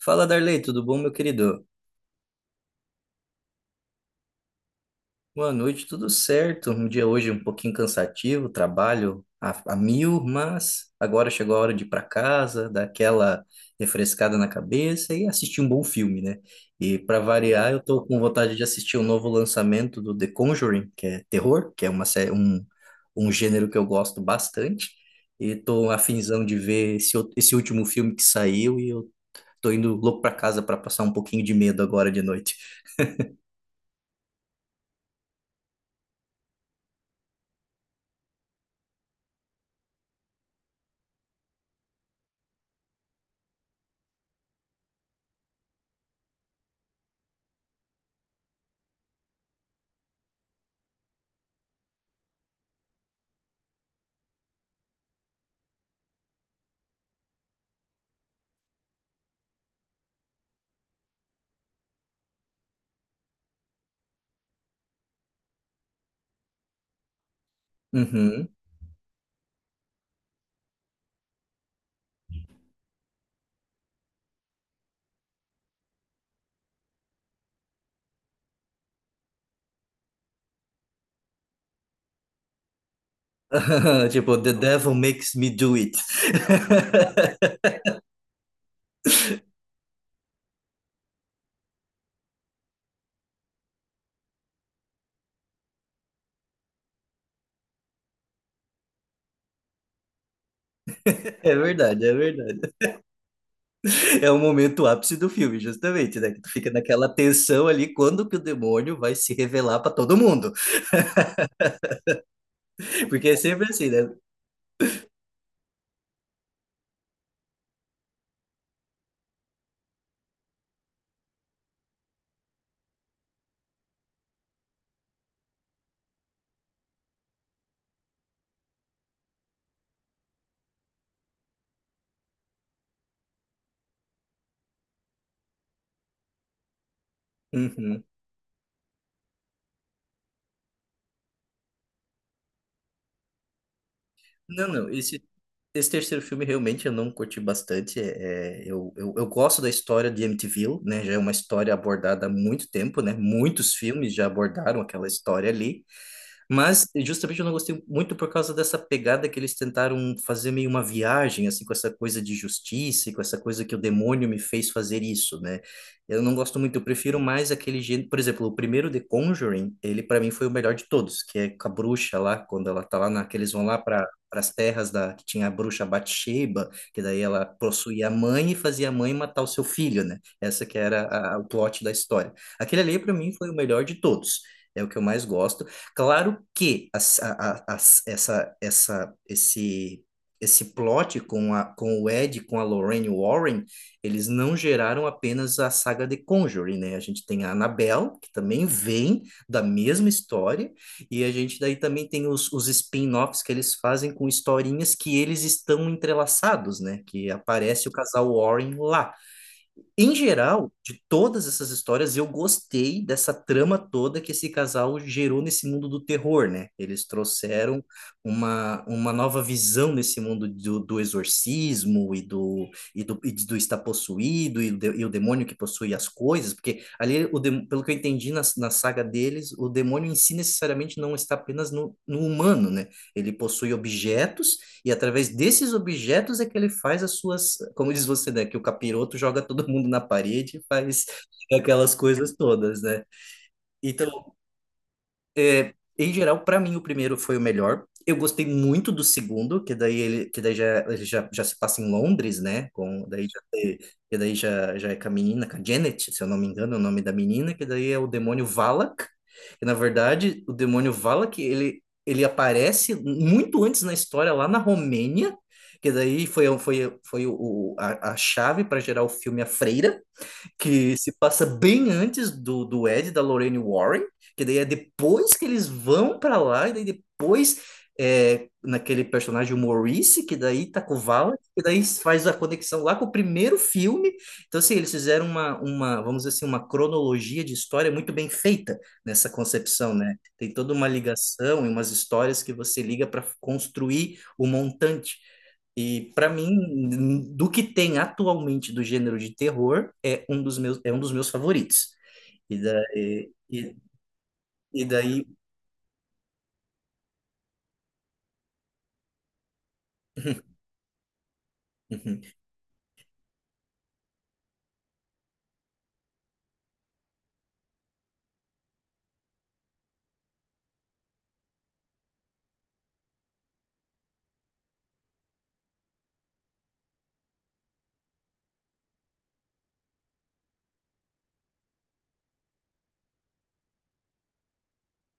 Fala, Darley, tudo bom, meu querido? Boa noite, tudo certo. Um dia hoje um pouquinho cansativo, trabalho a mil, mas agora chegou a hora de ir para casa, dar aquela refrescada na cabeça e assistir um bom filme, né? E para variar, eu tô com vontade de assistir o novo lançamento do The Conjuring, que é terror, que é um gênero que eu gosto bastante. E tô afinzão de ver esse último filme que saiu e eu tô indo louco para casa para passar um pouquinho de medo agora de noite. Uhum. Tipo, the devil makes me do it. É verdade, é verdade. É o momento ápice do filme, justamente, né? Que tu fica naquela tensão ali quando que o demônio vai se revelar pra todo mundo. Porque é sempre assim, né? Uhum. Não, não, esse terceiro filme realmente eu não curti bastante. Eu gosto da história de Amityville, né? Já é uma história abordada há muito tempo, né? Muitos filmes já abordaram aquela história ali. Mas justamente eu não gostei muito por causa dessa pegada que eles tentaram fazer meio uma viagem, assim, com essa coisa de justiça, e com essa coisa que o demônio me fez fazer isso, né? Eu não gosto muito, eu prefiro mais aquele gênero. Por exemplo, o primeiro The Conjuring, ele para mim foi o melhor de todos, que é com a bruxa lá, quando ela tá lá na, que eles vão lá para as terras da que tinha a bruxa Bathsheba, que daí ela possuía a mãe e fazia a mãe matar o seu filho, né? Essa que era o plot da história. Aquele ali para mim foi o melhor de todos. É o que eu mais gosto. Claro que a, essa, esse plot com o Ed, com a Lorraine Warren, eles não geraram apenas a saga de Conjuring, né? A gente tem a Annabelle, que também vem da mesma história, e a gente daí também tem os spin-offs que eles fazem com historinhas que eles estão entrelaçados, né? Que aparece o casal Warren lá em geral, de todas essas histórias, eu gostei dessa trama toda que esse casal gerou nesse mundo do terror, né? Eles trouxeram uma nova visão nesse mundo do exorcismo e do estar possuído e o demônio que possui as coisas, porque ali, pelo que eu entendi na saga deles, o demônio em si necessariamente não está apenas no humano, né? Ele possui objetos e através desses objetos é que ele faz as suas, como diz você, né, que o capiroto joga todo mundo na parede e faz aquelas coisas todas, né? Então, em geral, para mim, o primeiro foi o melhor. Eu gostei muito do segundo, que daí ele, que daí já, ele já, já se passa em Londres, né? Com, daí já, te- Que daí já é com a menina, com a Janet, se eu não me engano, é o nome da menina, que daí é o demônio Valak. E, na verdade, o demônio Valak, ele aparece muito antes na história, lá na Romênia, que daí foi a chave para gerar o filme A Freira que se passa bem antes do Ed, da Lorraine Warren, que daí é depois que eles vão para lá, e daí depois naquele personagem o Maurice, que daí tá com o Valak, que daí faz a conexão lá com o primeiro filme. Então, assim, eles fizeram vamos dizer assim, uma cronologia de história muito bem feita nessa concepção, né? Tem toda uma ligação e umas histórias que você liga para construir o montante. E para mim, do que tem atualmente do gênero de terror, é um dos meus favoritos. E daí, e, e daí. Uhum.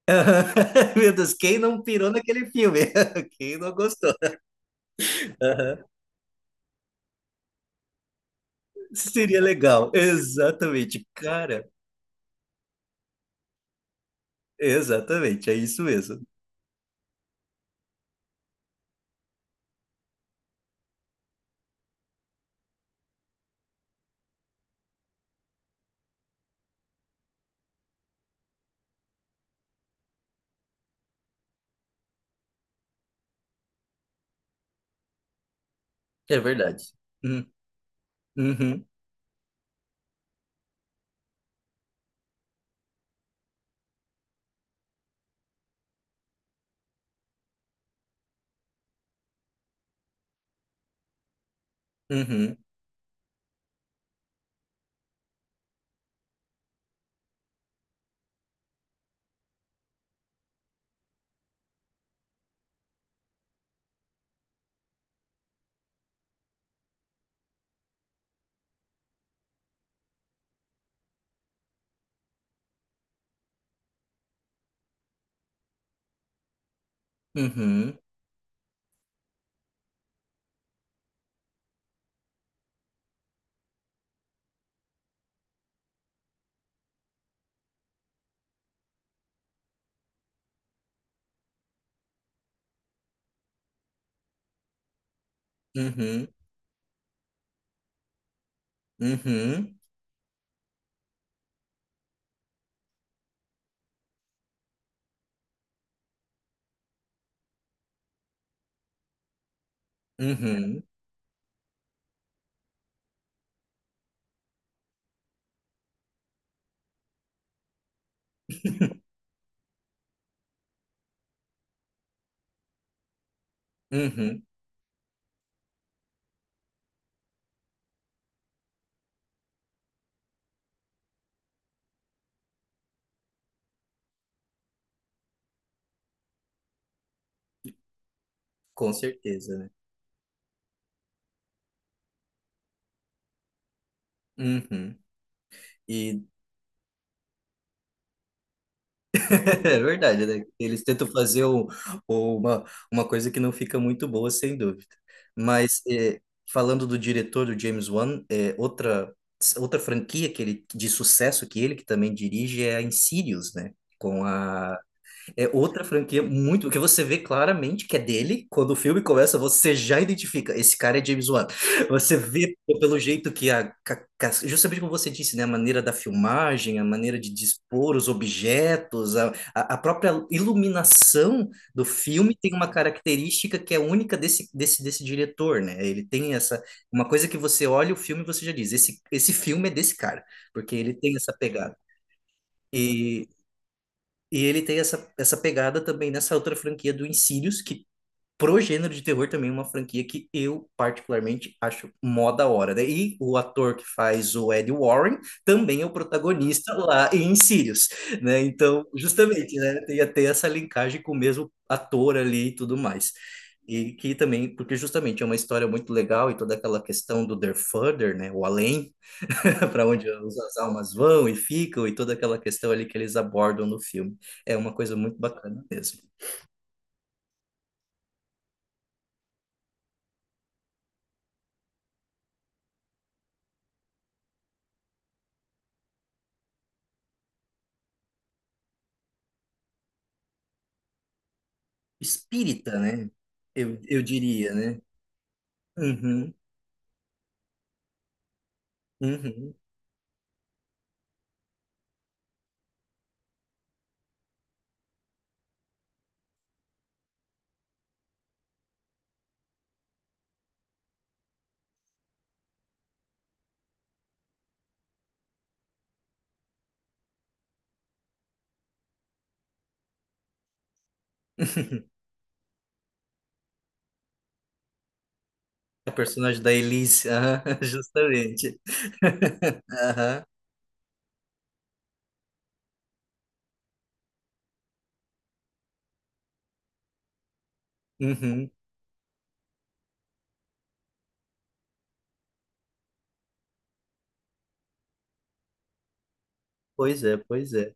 Meu Deus, quem não pirou naquele filme? Quem não gostou? Aham. Seria legal. Exatamente, cara. Exatamente, é isso mesmo. É verdade. Uhum, uhum, uhum, uhum, uhum, uhum, uhum. Uhum, com certeza, né? Uhum. E É verdade, né? Eles tentam fazer uma, uma coisa que não fica muito boa, sem dúvida. Mas, falando do diretor, do James Wan, outra franquia de sucesso que ele que também dirige é a Insidious, né? Com a É outra franquia muito. Que você vê claramente que é dele. Quando o filme começa, você já identifica. Esse cara é James Wan. Você vê pelo jeito que justamente como você disse, né? A maneira da filmagem, a maneira de dispor os objetos, a própria iluminação do filme tem uma característica que é única desse diretor, né? Ele tem essa. Uma coisa que você olha o filme e você já diz: esse filme é desse cara, porque ele tem essa pegada. E e ele tem essa pegada também nessa outra franquia do Insidious, que pro gênero de terror também é uma franquia que eu particularmente acho mó da hora, né? E o ator que faz o Ed Warren também é o protagonista lá em Insidious, né? Então, justamente, né? Tem até essa linkagem com o mesmo ator ali e tudo mais. E que também, porque justamente é uma história muito legal e toda aquela questão do The Further, né? O além, para onde as almas vão e ficam e toda aquela questão ali que eles abordam no filme. É uma coisa muito bacana mesmo. Espírita, né? Eu diria, né? Uhum, uhum. A personagem da Elise, aham, justamente. Aham, uhum. Pois é, pois é.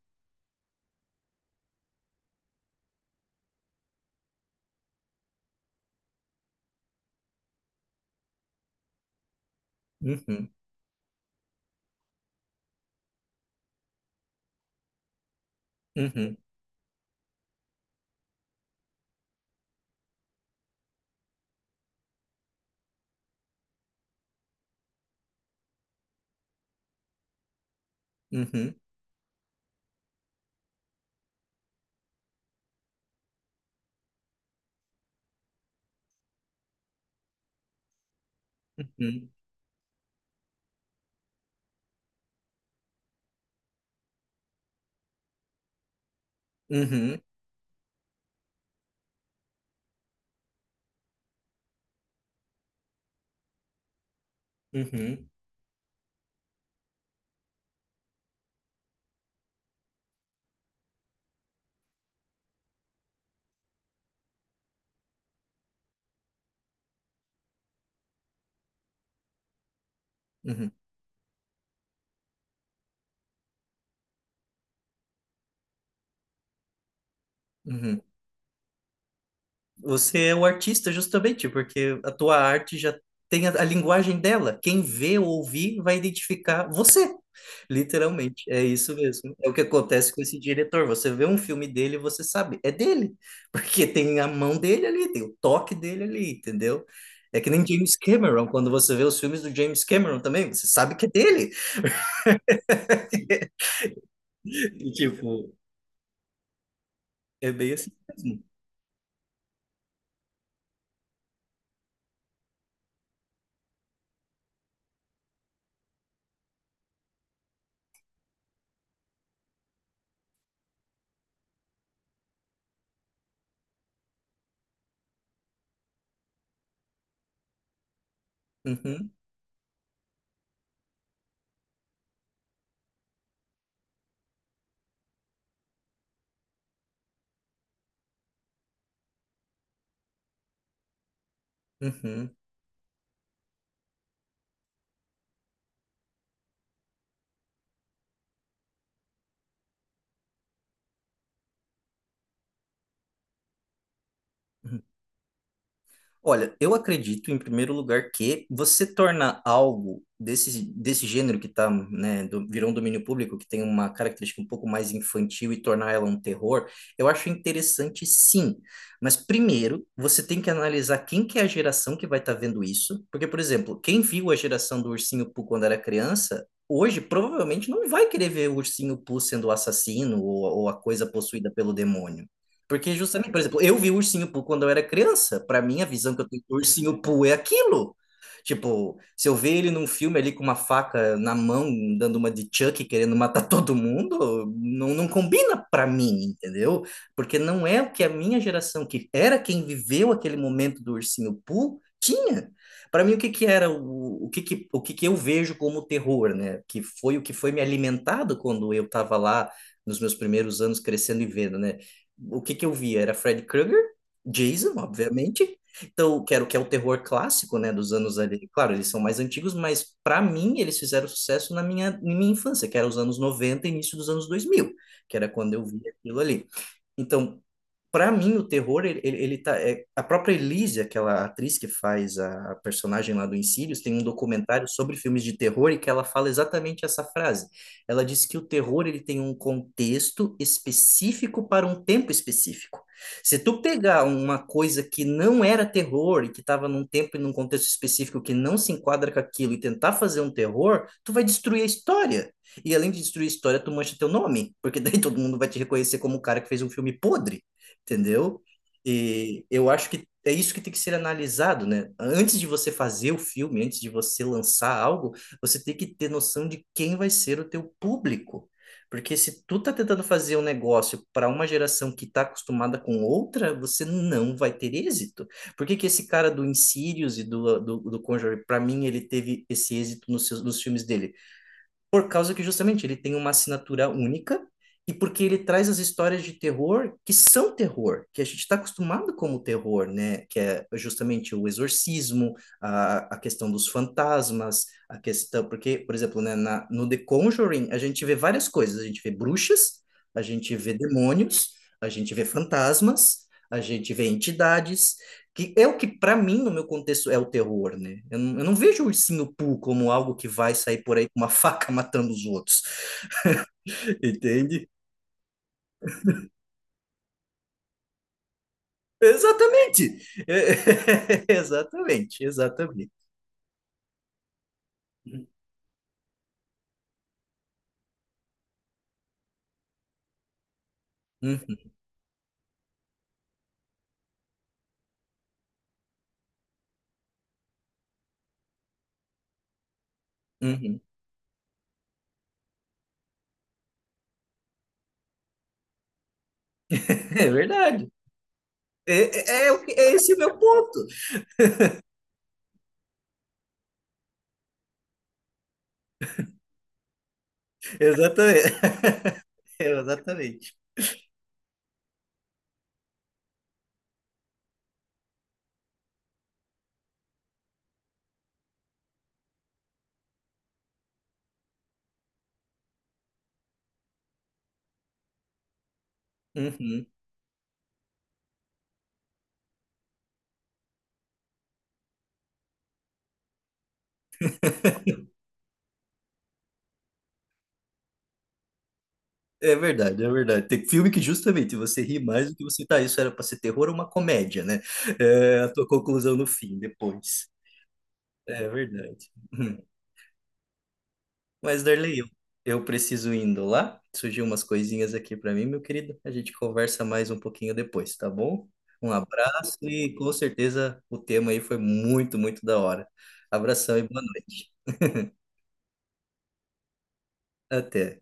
Uhum, uhum, uhum, uhum, uhum, uhum, uhum, uhum, uhum. Você é o artista justamente, porque a tua arte já tem a linguagem dela. Quem vê ou ouvir vai identificar você. Literalmente, é isso mesmo. É o que acontece com esse diretor. Você vê um filme dele, e você sabe, é dele, porque tem a mão dele ali, tem o toque dele ali, entendeu? É que nem James Cameron, quando você vê os filmes do James Cameron também, você sabe que é dele. E, tipo, é bem assim. Uhum, uhum. Uhum. Olha, eu acredito, em primeiro lugar, que você torna algo desse gênero que tá, né, virou um domínio público, que tem uma característica um pouco mais infantil e tornar ela um terror, eu acho interessante sim. Mas primeiro, você tem que analisar quem que é a geração que vai estar vendo isso. Porque, por exemplo, quem viu a geração do Ursinho Pooh quando era criança, hoje provavelmente não vai querer ver o Ursinho Pooh sendo o assassino ou a coisa possuída pelo demônio. Porque justamente, por exemplo, eu vi o Ursinho Pooh quando eu era criança. Para mim, a visão que eu tenho do Ursinho Pooh é aquilo. Tipo, se eu ver ele num filme ali com uma faca na mão, dando uma de Chuck, querendo matar todo mundo, não, não combina para mim, entendeu? Porque não é o que a minha geração, que era quem viveu aquele momento do Ursinho Pooh, tinha. Para mim, o que que eu vejo como terror, né? Que foi o que foi me alimentado quando eu estava lá nos meus primeiros anos crescendo e vendo, né? O que que eu via? Era Fred Krueger, Jason, obviamente. Então, quero que é o terror clássico, né, dos anos ali. Claro, eles são mais antigos, mas para mim eles fizeram sucesso na minha infância, que era os anos 90, início dos anos 2000, que era quando eu via aquilo ali. Então, para mim, o terror, a própria Elise, aquela atriz que faz a personagem lá do Insidious, tem um documentário sobre filmes de terror e que ela fala exatamente essa frase. Ela diz que o terror, ele tem um contexto específico para um tempo específico. Se tu pegar uma coisa que não era terror e que estava num tempo e num contexto específico que não se enquadra com aquilo e tentar fazer um terror, tu vai destruir a história. E além de destruir a história, tu mancha teu nome, porque daí todo mundo vai te reconhecer como o cara que fez um filme podre, entendeu? E eu acho que é isso que tem que ser analisado, né? Antes de você fazer o filme, antes de você lançar algo, você tem que ter noção de quem vai ser o teu público. Porque se tu tá tentando fazer um negócio para uma geração que tá acostumada com outra, você não vai ter êxito. Por que que esse cara do Insidious e do Conjuring, para mim, ele teve esse êxito nos filmes dele? Por causa que justamente ele tem uma assinatura única e porque ele traz as histórias de terror que são terror, que a gente está acostumado como terror, né? Que é justamente o exorcismo, a questão dos fantasmas, a questão. Porque, por exemplo, né, no The Conjuring, a gente vê várias coisas. A gente vê bruxas, a gente vê demônios, a gente vê fantasmas, a gente vê entidades, que é o que para mim no meu contexto é o terror, né? Eu não vejo o Ursinho Pooh como algo que vai sair por aí com uma faca matando os outros, entende? Exatamente, exatamente, exatamente. Uhum, uhum. É verdade. É, é esse o meu ponto. Exatamente. Exatamente. Uhum. É verdade, é verdade. Tem filme que justamente você ri mais do que você tá. Isso era para ser terror ou uma comédia, né? É a tua conclusão no fim, depois. É verdade. Mas, Darley, eu preciso indo lá. Surgiu umas coisinhas aqui para mim, meu querido. A gente conversa mais um pouquinho depois, tá bom? Um abraço e com certeza o tema aí foi muito, muito da hora. Abração e boa noite. Até.